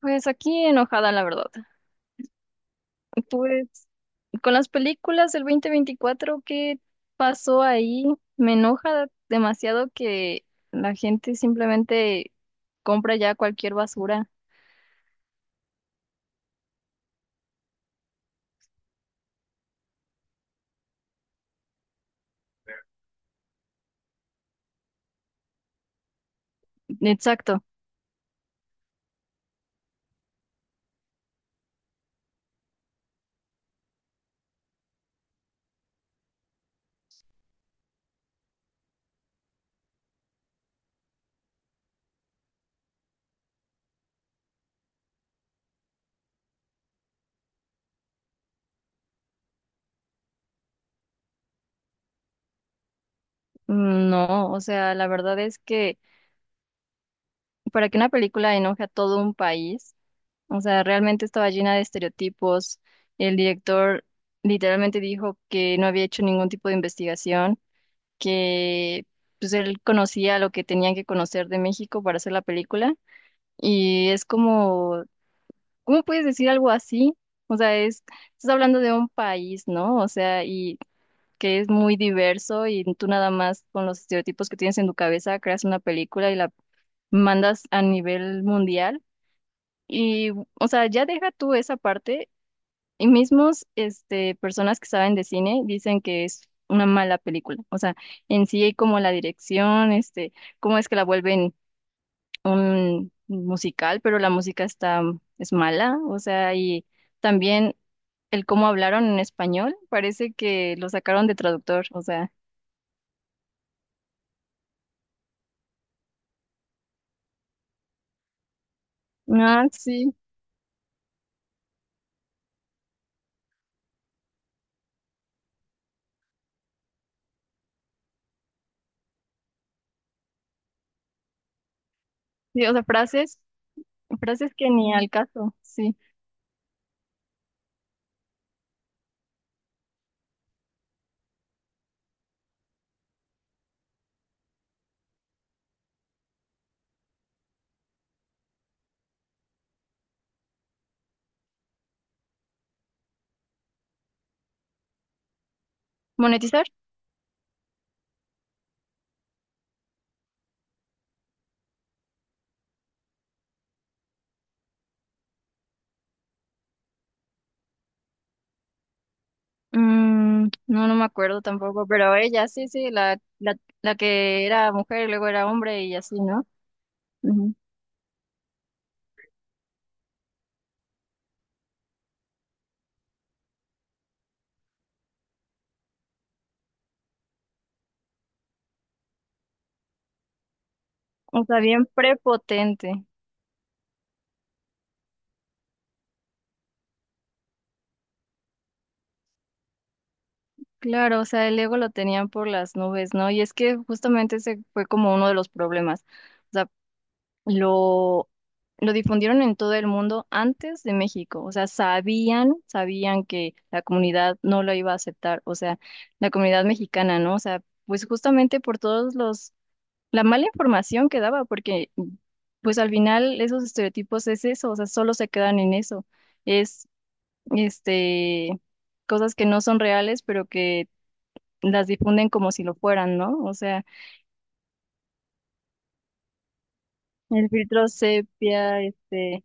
Pues aquí enojada, la verdad. Pues con las películas del 2024, ¿qué pasó ahí? Me enoja demasiado que la gente simplemente compra ya cualquier basura. Exacto. No, o sea, la verdad es que para que una película enoje a todo un país, o sea, realmente estaba llena de estereotipos. El director literalmente dijo que no había hecho ningún tipo de investigación que pues él conocía lo que tenían que conocer de México para hacer la película y es como, ¿cómo puedes decir algo así? O sea, es, estás hablando de un país, ¿no? O sea, y que es muy diverso y tú nada más con los estereotipos que tienes en tu cabeza creas una película y la mandas a nivel mundial. Y, o sea, ya deja tú esa parte, y mismos, personas que saben de cine dicen que es una mala película. O sea, en sí hay como la dirección, cómo es que la vuelven un musical, pero la música está, es mala. O sea, y también el cómo hablaron en español, parece que lo sacaron de traductor. O sea, ah, sí, sí, o sea, frases, frases que ni al caso, sí. ¿Monetizar? Mm, no, no me acuerdo tampoco, pero ella sí, sí, la que era mujer y luego era hombre y así, ¿no? Ujú. O sea, bien prepotente. Claro, o sea, el ego lo tenían por las nubes, ¿no? Y es que justamente ese fue como uno de los problemas. O sea, lo, lo difundieron en todo el mundo antes de México. O sea, sabían, sabían que la comunidad no lo iba a aceptar. O sea, la comunidad mexicana, ¿no? O sea, pues justamente por todos los la mala información que daba, porque pues al final esos estereotipos es eso, o sea, solo se quedan en eso. Es este cosas que no son reales, pero que las difunden como si lo fueran, ¿no? O sea, el filtro sepia,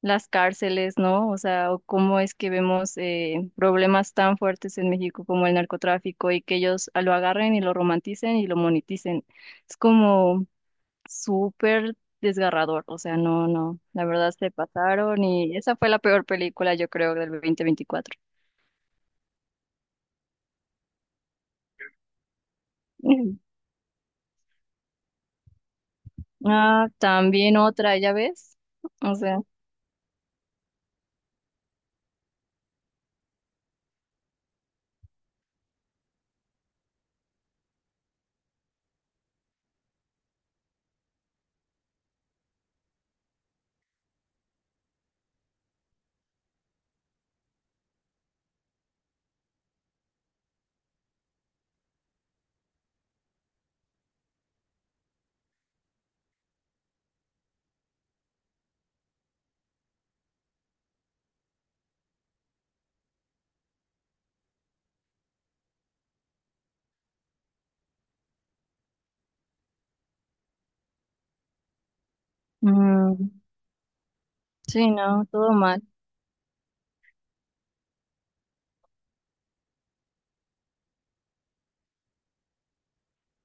las cárceles, ¿no? O sea, o cómo es que vemos problemas tan fuertes en México como el narcotráfico y que ellos lo agarren y lo romanticen y lo moneticen. Es como súper desgarrador, o sea, no, no, la verdad se pasaron y esa fue la peor película, yo creo, del 2024. Ah, también otra, ¿ya ves? O sea, mm, sí, no, todo mal.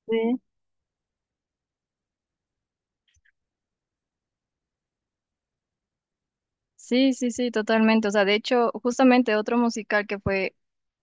Sí, sí, sí, sí, totalmente. O sea, de hecho, justamente otro musical que fue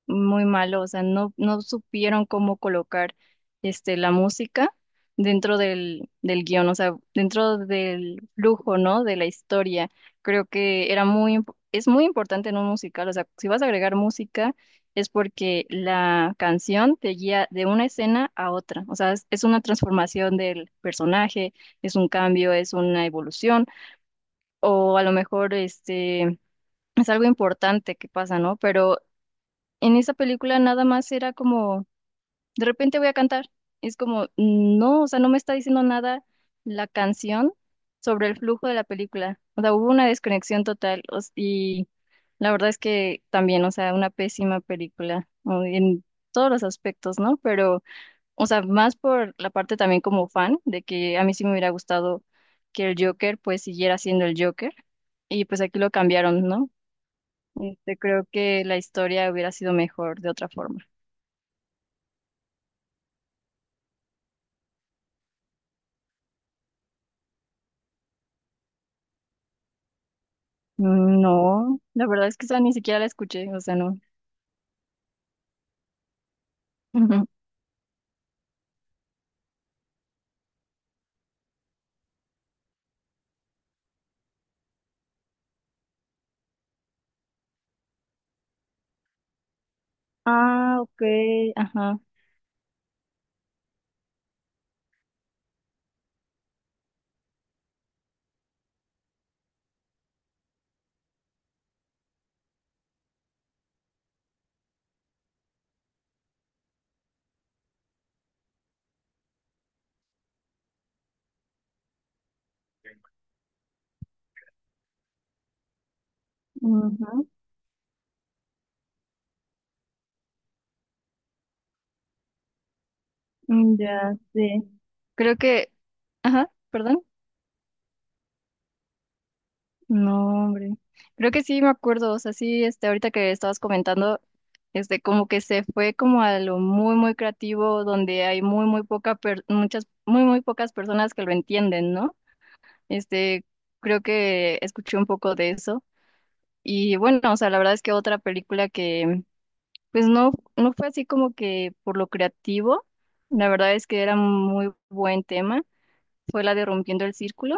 muy malo, o sea, no, no supieron cómo colocar la música dentro del, del guión, o sea, dentro del flujo, ¿no? De la historia. Creo que era muy, es muy importante en un musical, o sea, si vas a agregar música es porque la canción te guía de una escena a otra, o sea, es una transformación del personaje, es un cambio, es una evolución, o a lo mejor Es algo importante que pasa, ¿no? Pero en esa película nada más era como, de repente voy a cantar. Es como, no, o sea, no me está diciendo nada la canción sobre el flujo de la película. O sea, hubo una desconexión total y la verdad es que también, o sea, una pésima película o en todos los aspectos, ¿no? Pero, o sea, más por la parte también como fan, de que a mí sí me hubiera gustado que el Joker pues siguiera siendo el Joker y pues aquí lo cambiaron, ¿no? Creo que la historia hubiera sido mejor de otra forma. No, la verdad es que esa ni siquiera la escuché, o sea, no. Ujú. Ah, ok, ajá. Ujú, ya sé. Creo que, ajá, perdón. No, hombre. Creo que sí me acuerdo, o sea, sí, ahorita que estabas comentando, como que se fue como a lo muy, muy creativo, donde hay muy, muy poca, muchas, muy, muy pocas personas que lo entienden, ¿no? Este, creo que escuché un poco de eso. Y bueno, o sea, la verdad es que otra película que pues no, no fue así como que por lo creativo, la verdad es que era muy buen tema, fue la de Rompiendo el Círculo.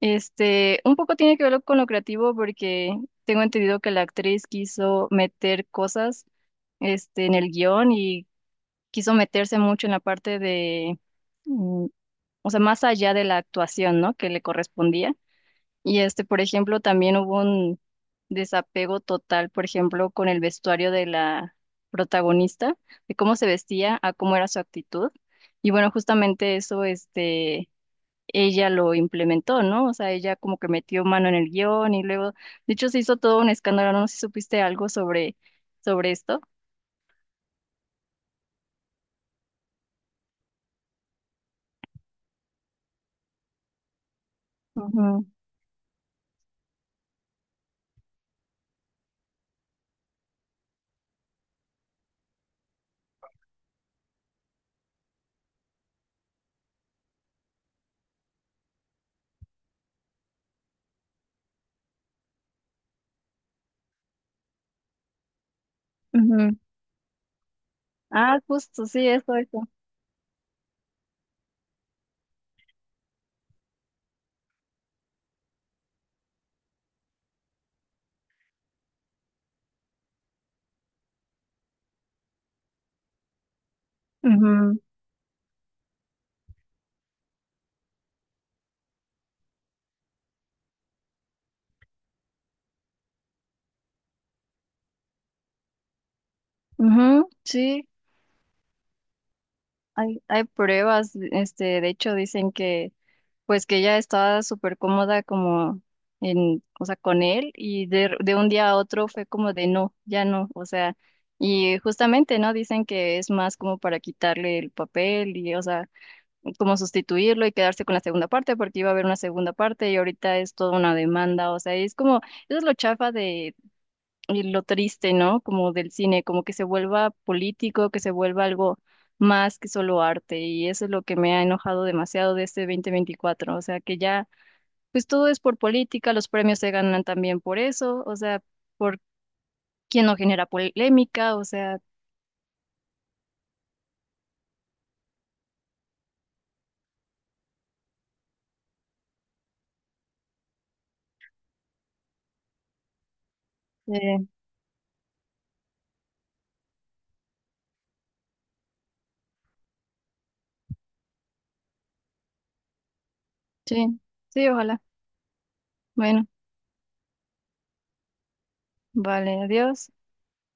Un poco tiene que ver con lo creativo porque tengo entendido que la actriz quiso meter cosas, en el guión y quiso meterse mucho en la parte de, mm, o sea, más allá de la actuación, ¿no? Que le correspondía. Y por ejemplo, también hubo un desapego total, por ejemplo, con el vestuario de la protagonista, de cómo se vestía a cómo era su actitud. Y bueno, justamente eso, ella lo implementó, ¿no? O sea, ella como que metió mano en el guión y luego, de hecho, se hizo todo un escándalo, no sé si supiste algo sobre, sobre esto. Ujú, ujú. Ah, justo, sí, eso, eso. Ujú, ujú, sí, hay pruebas, de hecho, dicen que pues que ella estaba súper cómoda como en, o sea, con él y de un día a otro fue como de no, ya no, o sea, y justamente, ¿no? Dicen que es más como para quitarle el papel y, o sea, como sustituirlo y quedarse con la segunda parte porque iba a haber una segunda parte y ahorita es toda una demanda, o sea, es como, eso es lo chafa y lo triste, ¿no? Como del cine, como que se vuelva político, que se vuelva algo más que solo arte. Y eso es lo que me ha enojado demasiado de este 2024. O sea, que ya, pues todo es por política, los premios se ganan también por eso, o sea, por quién no genera polémica, o sea, eh, sí, sí, ojalá. Bueno, vale, adiós.